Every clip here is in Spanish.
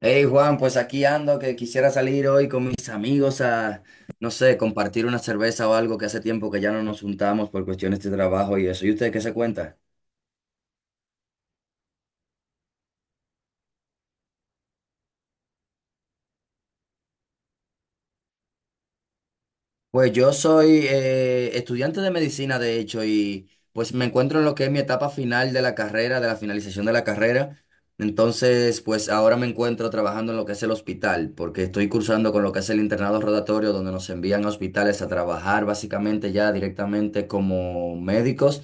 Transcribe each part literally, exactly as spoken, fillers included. Hey Juan, pues aquí ando que quisiera salir hoy con mis amigos a, no sé, compartir una cerveza o algo que hace tiempo que ya no nos juntamos por cuestiones de trabajo y eso. ¿Y usted qué se cuenta? Pues yo soy eh, estudiante de medicina, de hecho, y pues me encuentro en lo que es mi etapa final de la carrera, de la finalización de la carrera. Entonces, pues ahora me encuentro trabajando en lo que es el hospital, porque estoy cursando con lo que es el internado rotatorio, donde nos envían a hospitales a trabajar básicamente ya directamente como médicos.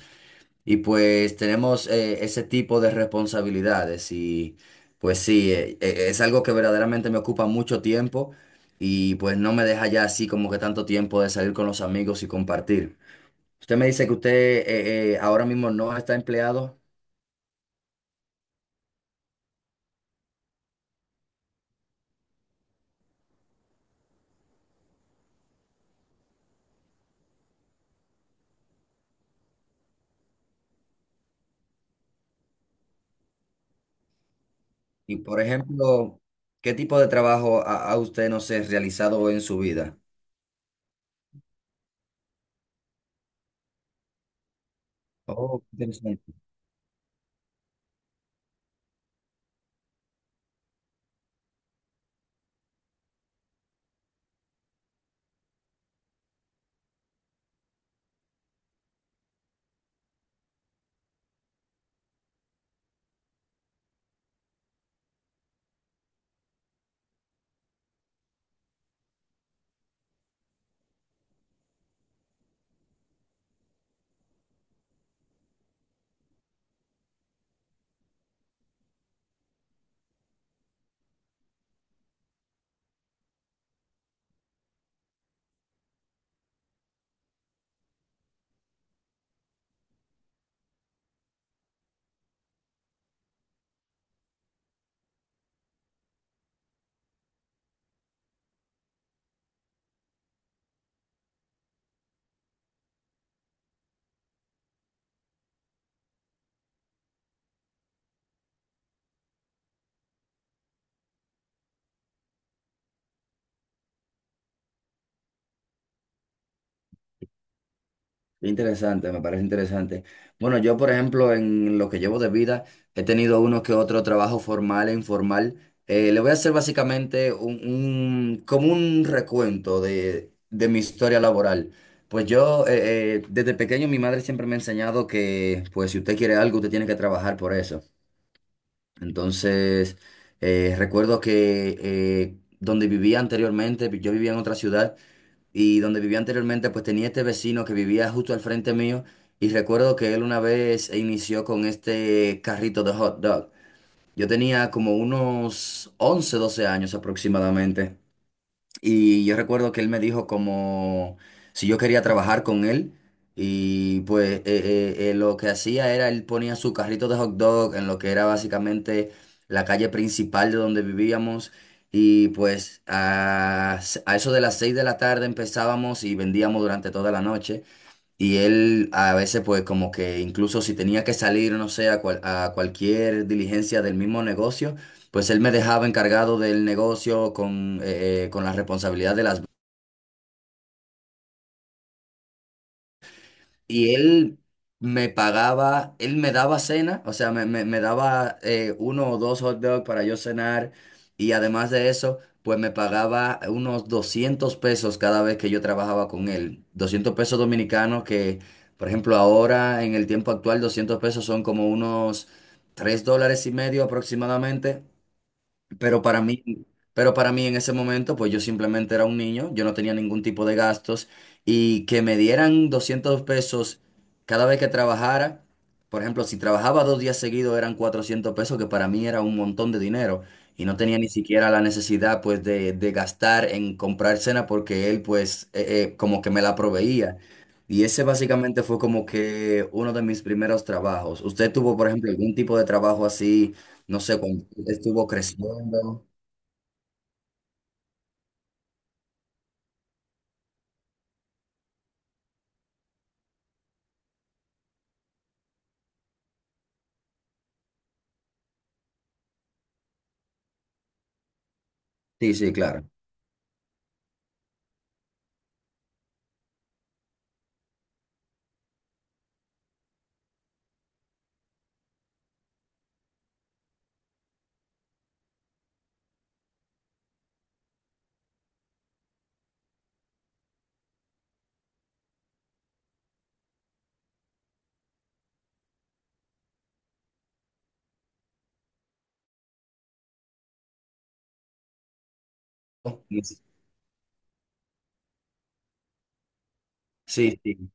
Y pues tenemos eh, ese tipo de responsabilidades y pues sí, eh, eh, es algo que verdaderamente me ocupa mucho tiempo y pues no me deja ya así como que tanto tiempo de salir con los amigos y compartir. Usted me dice que usted eh, eh, ahora mismo no está empleado. Y por ejemplo, ¿qué tipo de trabajo ha, ha usted, no sé, realizado en su vida? Oh, qué interesante. Interesante, me parece interesante. Bueno, yo, por ejemplo, en lo que llevo de vida, he tenido uno que otro trabajo formal e informal. Eh, le voy a hacer básicamente un, un- como un recuento de, de mi historia laboral. Pues yo, eh, eh, desde pequeño, mi madre siempre me ha enseñado que, pues, si usted quiere algo, usted tiene que trabajar por eso. Entonces, eh, recuerdo que eh, donde vivía anteriormente, yo vivía en otra ciudad y donde vivía anteriormente, pues tenía este vecino que vivía justo al frente mío y recuerdo que él una vez inició con este carrito de hot dog. Yo tenía como unos once doce años aproximadamente. Y yo recuerdo que él me dijo como si yo quería trabajar con él. Y pues eh, eh, eh, lo que hacía era, él ponía su carrito de hot dog en lo que era básicamente la calle principal de donde vivíamos. Y pues a, a eso de las seis de la tarde empezábamos y vendíamos durante toda la noche. Y él a veces pues como que incluso si tenía que salir, no sé, a, cual- a cualquier diligencia del mismo negocio, pues él me dejaba encargado del negocio con, eh, eh, con la responsabilidad de las. Y él me pagaba, él me daba cena, o sea, me, me- me daba eh, uno o dos hot dogs para yo cenar. Y además de eso, pues me pagaba unos doscientos pesos cada vez que yo trabajaba con él. Doscientos pesos dominicanos que, por ejemplo, ahora en el tiempo actual, doscientos pesos son como unos tres dólares y medio aproximadamente. Pero para mí, pero para mí en ese momento, pues yo simplemente era un niño, yo no tenía ningún tipo de gastos y que me dieran doscientos pesos cada vez que trabajara, por ejemplo, si trabajaba dos días seguidos eran cuatrocientos pesos, que para mí era un montón de dinero y no tenía ni siquiera la necesidad pues de, de gastar en comprar cena porque él pues eh, eh, como que me la proveía. Y ese básicamente fue como que uno de mis primeros trabajos. ¿Usted tuvo, por ejemplo, algún tipo de trabajo así? No sé cuándo estuvo creciendo. Sí, sí, claro. Sí, sí. Sí.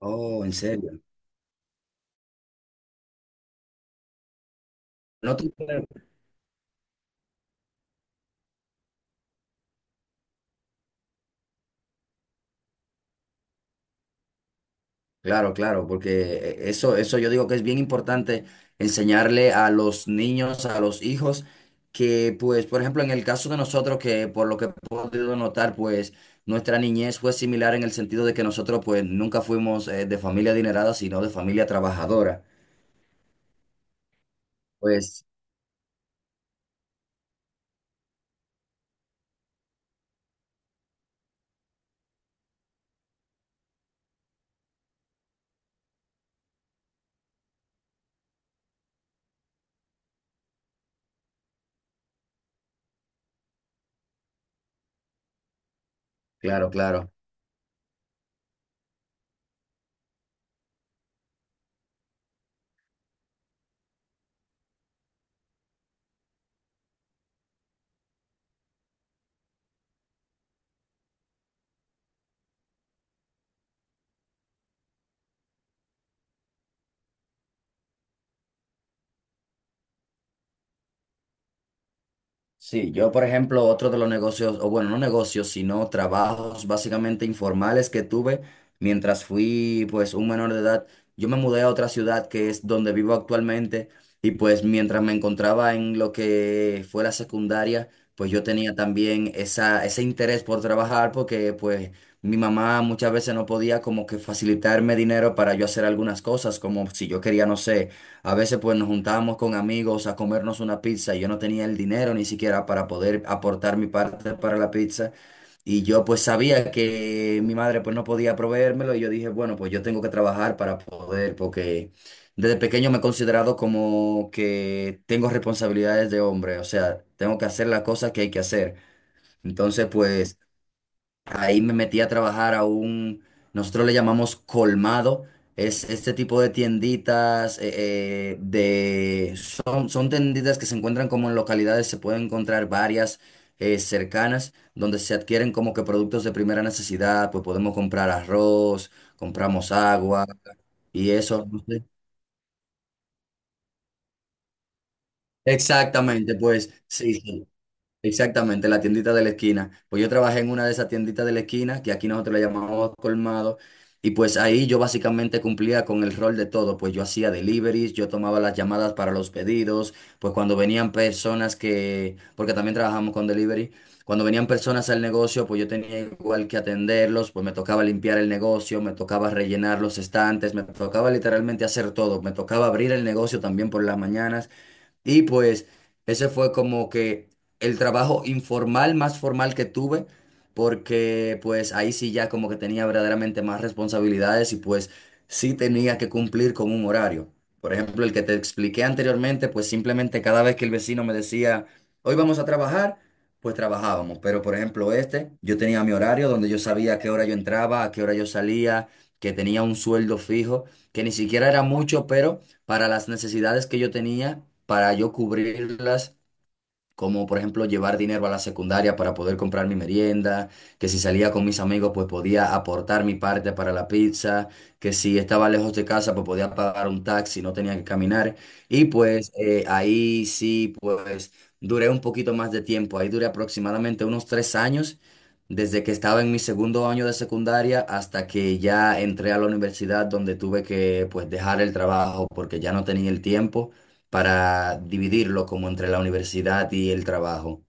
Oh, en serio. No te- Claro, claro, porque eh, eso, eso yo digo que es bien importante enseñarle a los niños, a los hijos, que pues, por ejemplo, en el caso de nosotros, que por lo que he podido notar, pues nuestra niñez fue similar en el sentido de que nosotros pues nunca fuimos eh, de familia adinerada, sino de familia trabajadora. Pues, claro, claro. Sí, yo por ejemplo, otro de los negocios, o bueno, no negocios, sino trabajos básicamente informales que tuve mientras fui pues un menor de edad, yo me mudé a otra ciudad que es donde vivo actualmente y pues mientras me encontraba en lo que fue la secundaria, pues yo tenía también esa, ese interés por trabajar porque pues mi mamá muchas veces no podía como que facilitarme dinero para yo hacer algunas cosas, como si yo quería, no sé, a veces pues nos juntábamos con amigos a comernos una pizza y yo no tenía el dinero ni siquiera para poder aportar mi parte para la pizza y yo pues sabía que mi madre pues no podía proveérmelo y yo dije, bueno, pues yo tengo que trabajar para poder porque desde pequeño me he considerado como que tengo responsabilidades de hombre, o sea, tengo que hacer las cosas que hay que hacer. Entonces pues... Ahí me metí a trabajar a un, nosotros le llamamos colmado, es este tipo de tienditas, eh, eh, de, son, son tienditas que se encuentran como en localidades, se pueden encontrar varias eh, cercanas, donde se adquieren como que productos de primera necesidad, pues podemos comprar arroz, compramos agua y eso. No sé. Exactamente, pues sí, sí. Exactamente, la tiendita de la esquina. Pues yo trabajé en una de esas tienditas de la esquina, que aquí nosotros le llamamos colmado, y pues ahí yo básicamente cumplía con el rol de todo, pues yo hacía deliveries, yo tomaba las llamadas para los pedidos, pues cuando venían personas que, porque también trabajamos con delivery, cuando venían personas al negocio, pues yo tenía igual que atenderlos, pues me tocaba limpiar el negocio, me tocaba rellenar los estantes, me tocaba literalmente hacer todo, me tocaba abrir el negocio también por las mañanas. Y pues ese fue como que el trabajo informal más formal que tuve, porque pues ahí sí ya como que tenía verdaderamente más responsabilidades y pues sí tenía que cumplir con un horario. Por ejemplo, el que te expliqué anteriormente, pues simplemente cada vez que el vecino me decía, hoy vamos a trabajar, pues trabajábamos. Pero por ejemplo, este, yo tenía mi horario donde yo sabía a qué hora yo entraba, a qué hora yo salía, que tenía un sueldo fijo, que ni siquiera era mucho, pero para las necesidades que yo tenía, para yo cubrirlas como por ejemplo llevar dinero a la secundaria para poder comprar mi merienda, que si salía con mis amigos pues podía aportar mi parte para la pizza, que si estaba lejos de casa pues podía pagar un taxi, no tenía que caminar. Y pues eh, ahí sí pues duré un poquito más de tiempo, ahí duré aproximadamente unos tres años, desde que estaba en mi segundo año de secundaria hasta que ya entré a la universidad donde tuve que pues dejar el trabajo porque ya no tenía el tiempo para dividirlo como entre la universidad y el trabajo.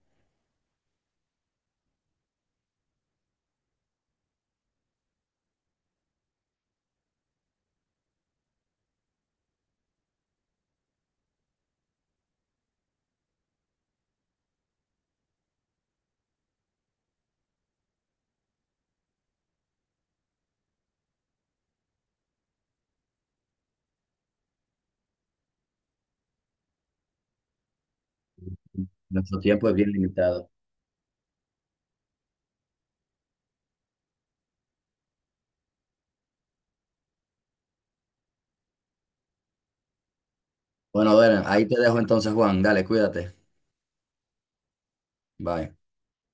Nuestro tiempo es bien limitado. Bueno, bueno, ahí te dejo entonces, Juan. Dale, cuídate. Bye.